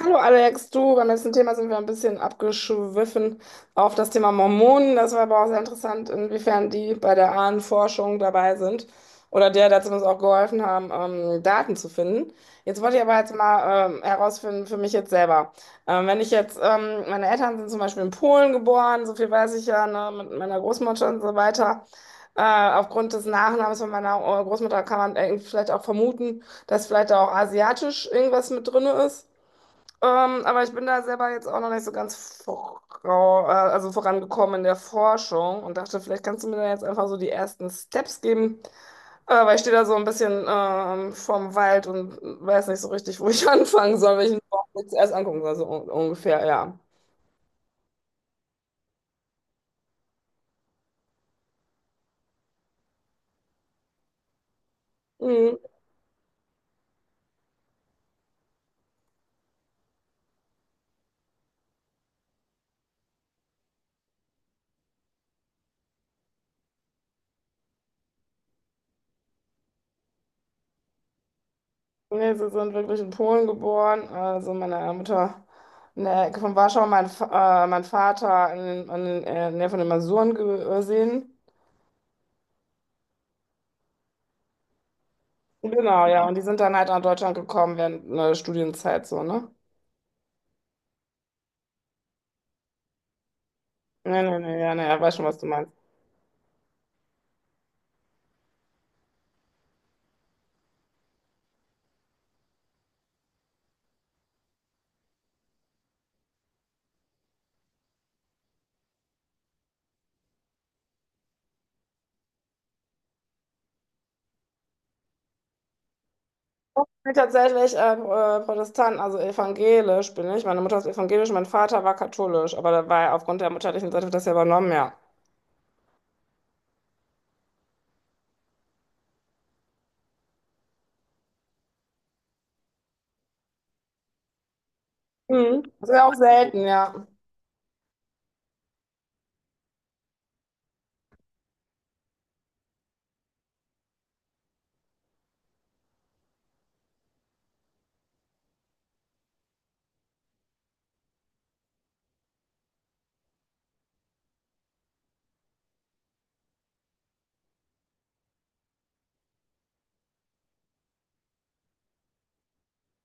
Hallo Alex, du, beim letzten Thema sind wir ein bisschen abgeschwiffen auf das Thema Mormonen. Das war aber auch sehr interessant, inwiefern die bei der Ahnenforschung dabei sind oder der, der zumindest auch geholfen haben, Daten zu finden. Jetzt wollte ich aber jetzt mal herausfinden für mich jetzt selber. Wenn ich jetzt, meine Eltern sind zum Beispiel in Polen geboren, so viel weiß ich ja, ne, mit meiner Großmutter und so weiter. Aufgrund des Nachnamens von meiner Großmutter kann man vielleicht auch vermuten, dass vielleicht da auch asiatisch irgendwas mit drin ist. Aber ich bin da selber jetzt auch noch nicht so ganz also vorangekommen in der Forschung und dachte, vielleicht kannst du mir da jetzt einfach so die ersten Steps geben, weil ich stehe da so ein bisschen vorm Wald und weiß nicht so richtig, wo ich anfangen soll, welchen Baum ich zuerst angucken soll, so un ungefähr, ja. Mhm. Nee, sie sind wirklich in Polen geboren, also meine Mutter in der Ecke von Warschau, mein Vater in der Nähe von den Masuren gesehen. Genau, ja. Und die sind dann halt nach Deutschland gekommen während einer Studienzeit so, ne? Nee, nee, nee, ja, weiß schon, was du meinst. Ich bin tatsächlich Protestant, also evangelisch bin ich. Meine Mutter ist evangelisch, mein Vater war katholisch, aber da war er aufgrund der mütterlichen Seite wird das ja übernommen, ja. Mhm. Das ist ja auch selten, ja.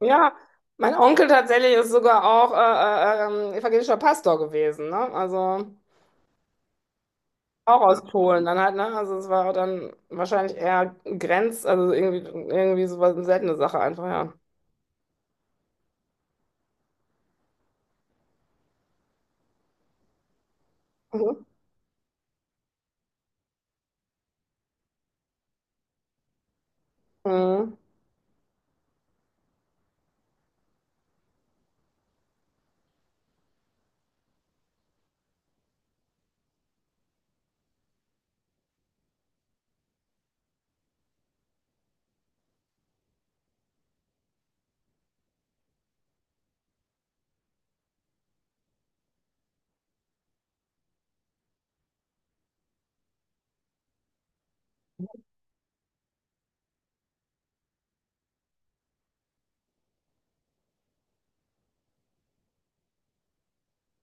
Ja, mein Onkel tatsächlich ist sogar auch evangelischer Pastor gewesen, ne? Also auch aus Polen dann halt, ne? Also es war dann wahrscheinlich eher Grenz, also irgendwie so was, eine seltene Sache einfach, ja. Mhm.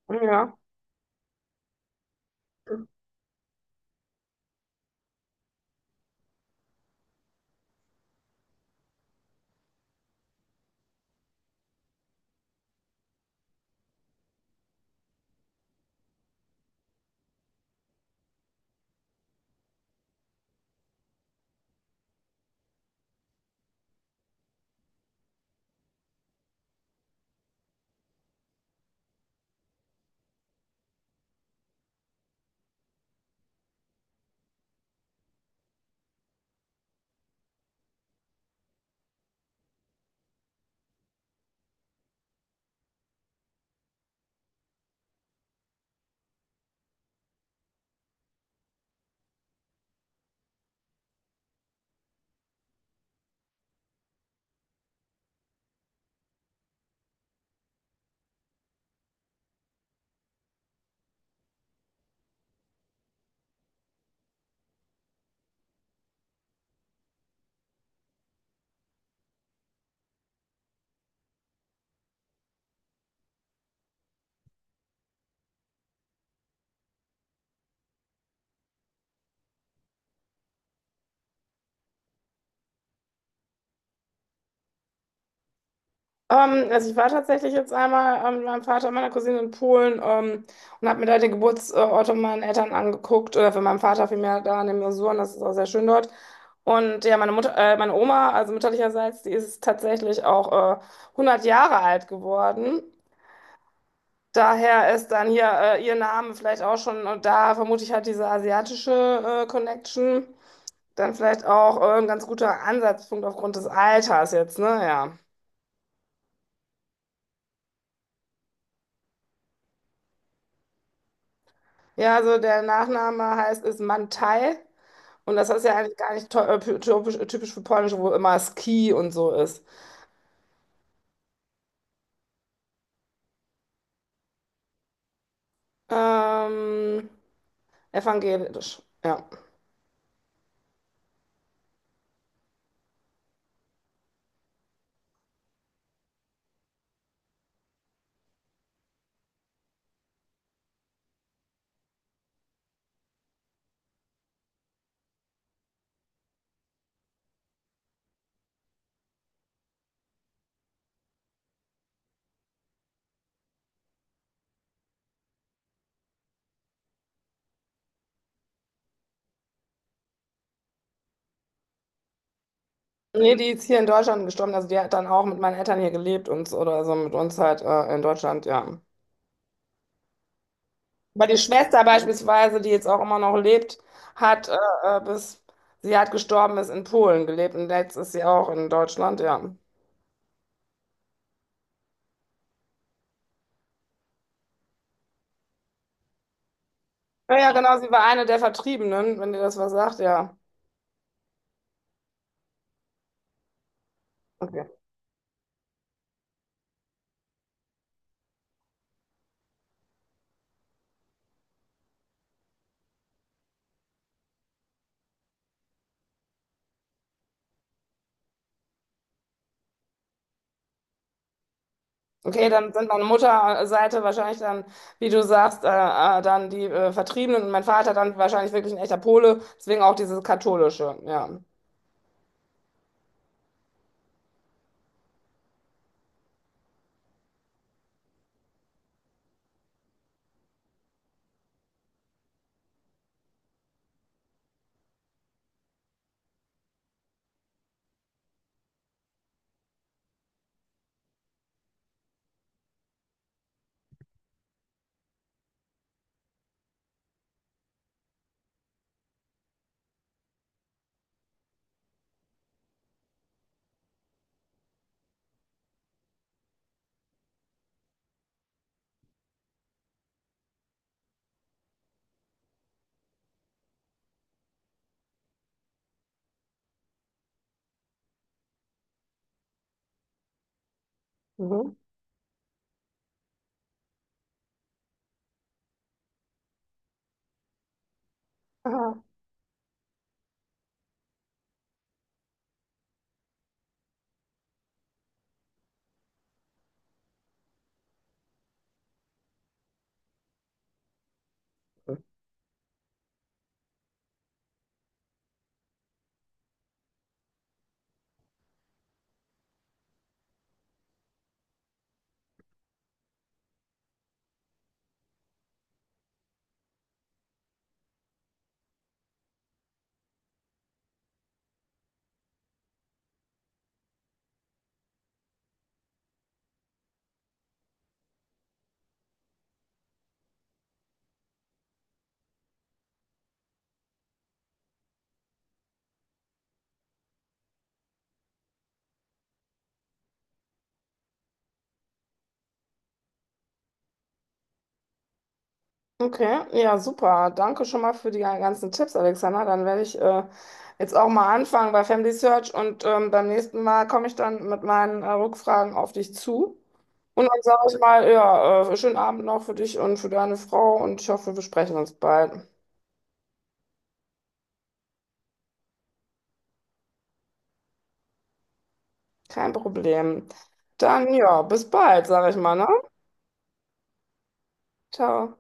Ja. Also ich war tatsächlich jetzt einmal mit meinem Vater und meiner Cousine in Polen, und habe mir da den Geburtsort von meinen Eltern angeguckt oder für meinen Vater vielmehr da in den Masuren, das ist auch sehr schön dort. Und ja, meine Mutter, meine Oma, also mütterlicherseits, die ist tatsächlich auch 100 Jahre alt geworden. Daher ist dann hier ihr Name vielleicht auch schon, und da vermute ich halt diese asiatische Connection, dann vielleicht auch ein ganz guter Ansatzpunkt aufgrund des Alters jetzt, ne? Ja. Ja, also der Nachname heißt ist Mantai und das ist ja eigentlich gar nicht typisch für Polnisch, wo immer Ski und so ist. Ähm, Evangelisch, ja. Nee, die ist hier in Deutschland gestorben, also die hat dann auch mit meinen Eltern hier gelebt und oder so mit uns halt in Deutschland, ja. Aber die Schwester beispielsweise, die jetzt auch immer noch lebt, hat bis sie hat gestorben ist in Polen gelebt und jetzt ist sie auch in Deutschland, ja. Ja, ja, genau, sie war eine der Vertriebenen, wenn dir das was sagt, ja. Okay. Okay, dann sind meine Mutterseite wahrscheinlich dann, wie du sagst, dann die Vertriebenen und mein Vater dann wahrscheinlich wirklich ein echter Pole, deswegen auch dieses katholische, ja. Mhm. Aha. Okay, ja, super. Danke schon mal für die ganzen Tipps, Alexander. Dann werde ich jetzt auch mal anfangen bei Family Search und beim nächsten Mal komme ich dann mit meinen Rückfragen auf dich zu. Und dann sage ich mal, ja, schönen Abend noch für dich und für deine Frau und ich hoffe, wir sprechen uns bald. Kein Problem. Dann ja, bis bald, sag ich mal, ne? Ciao.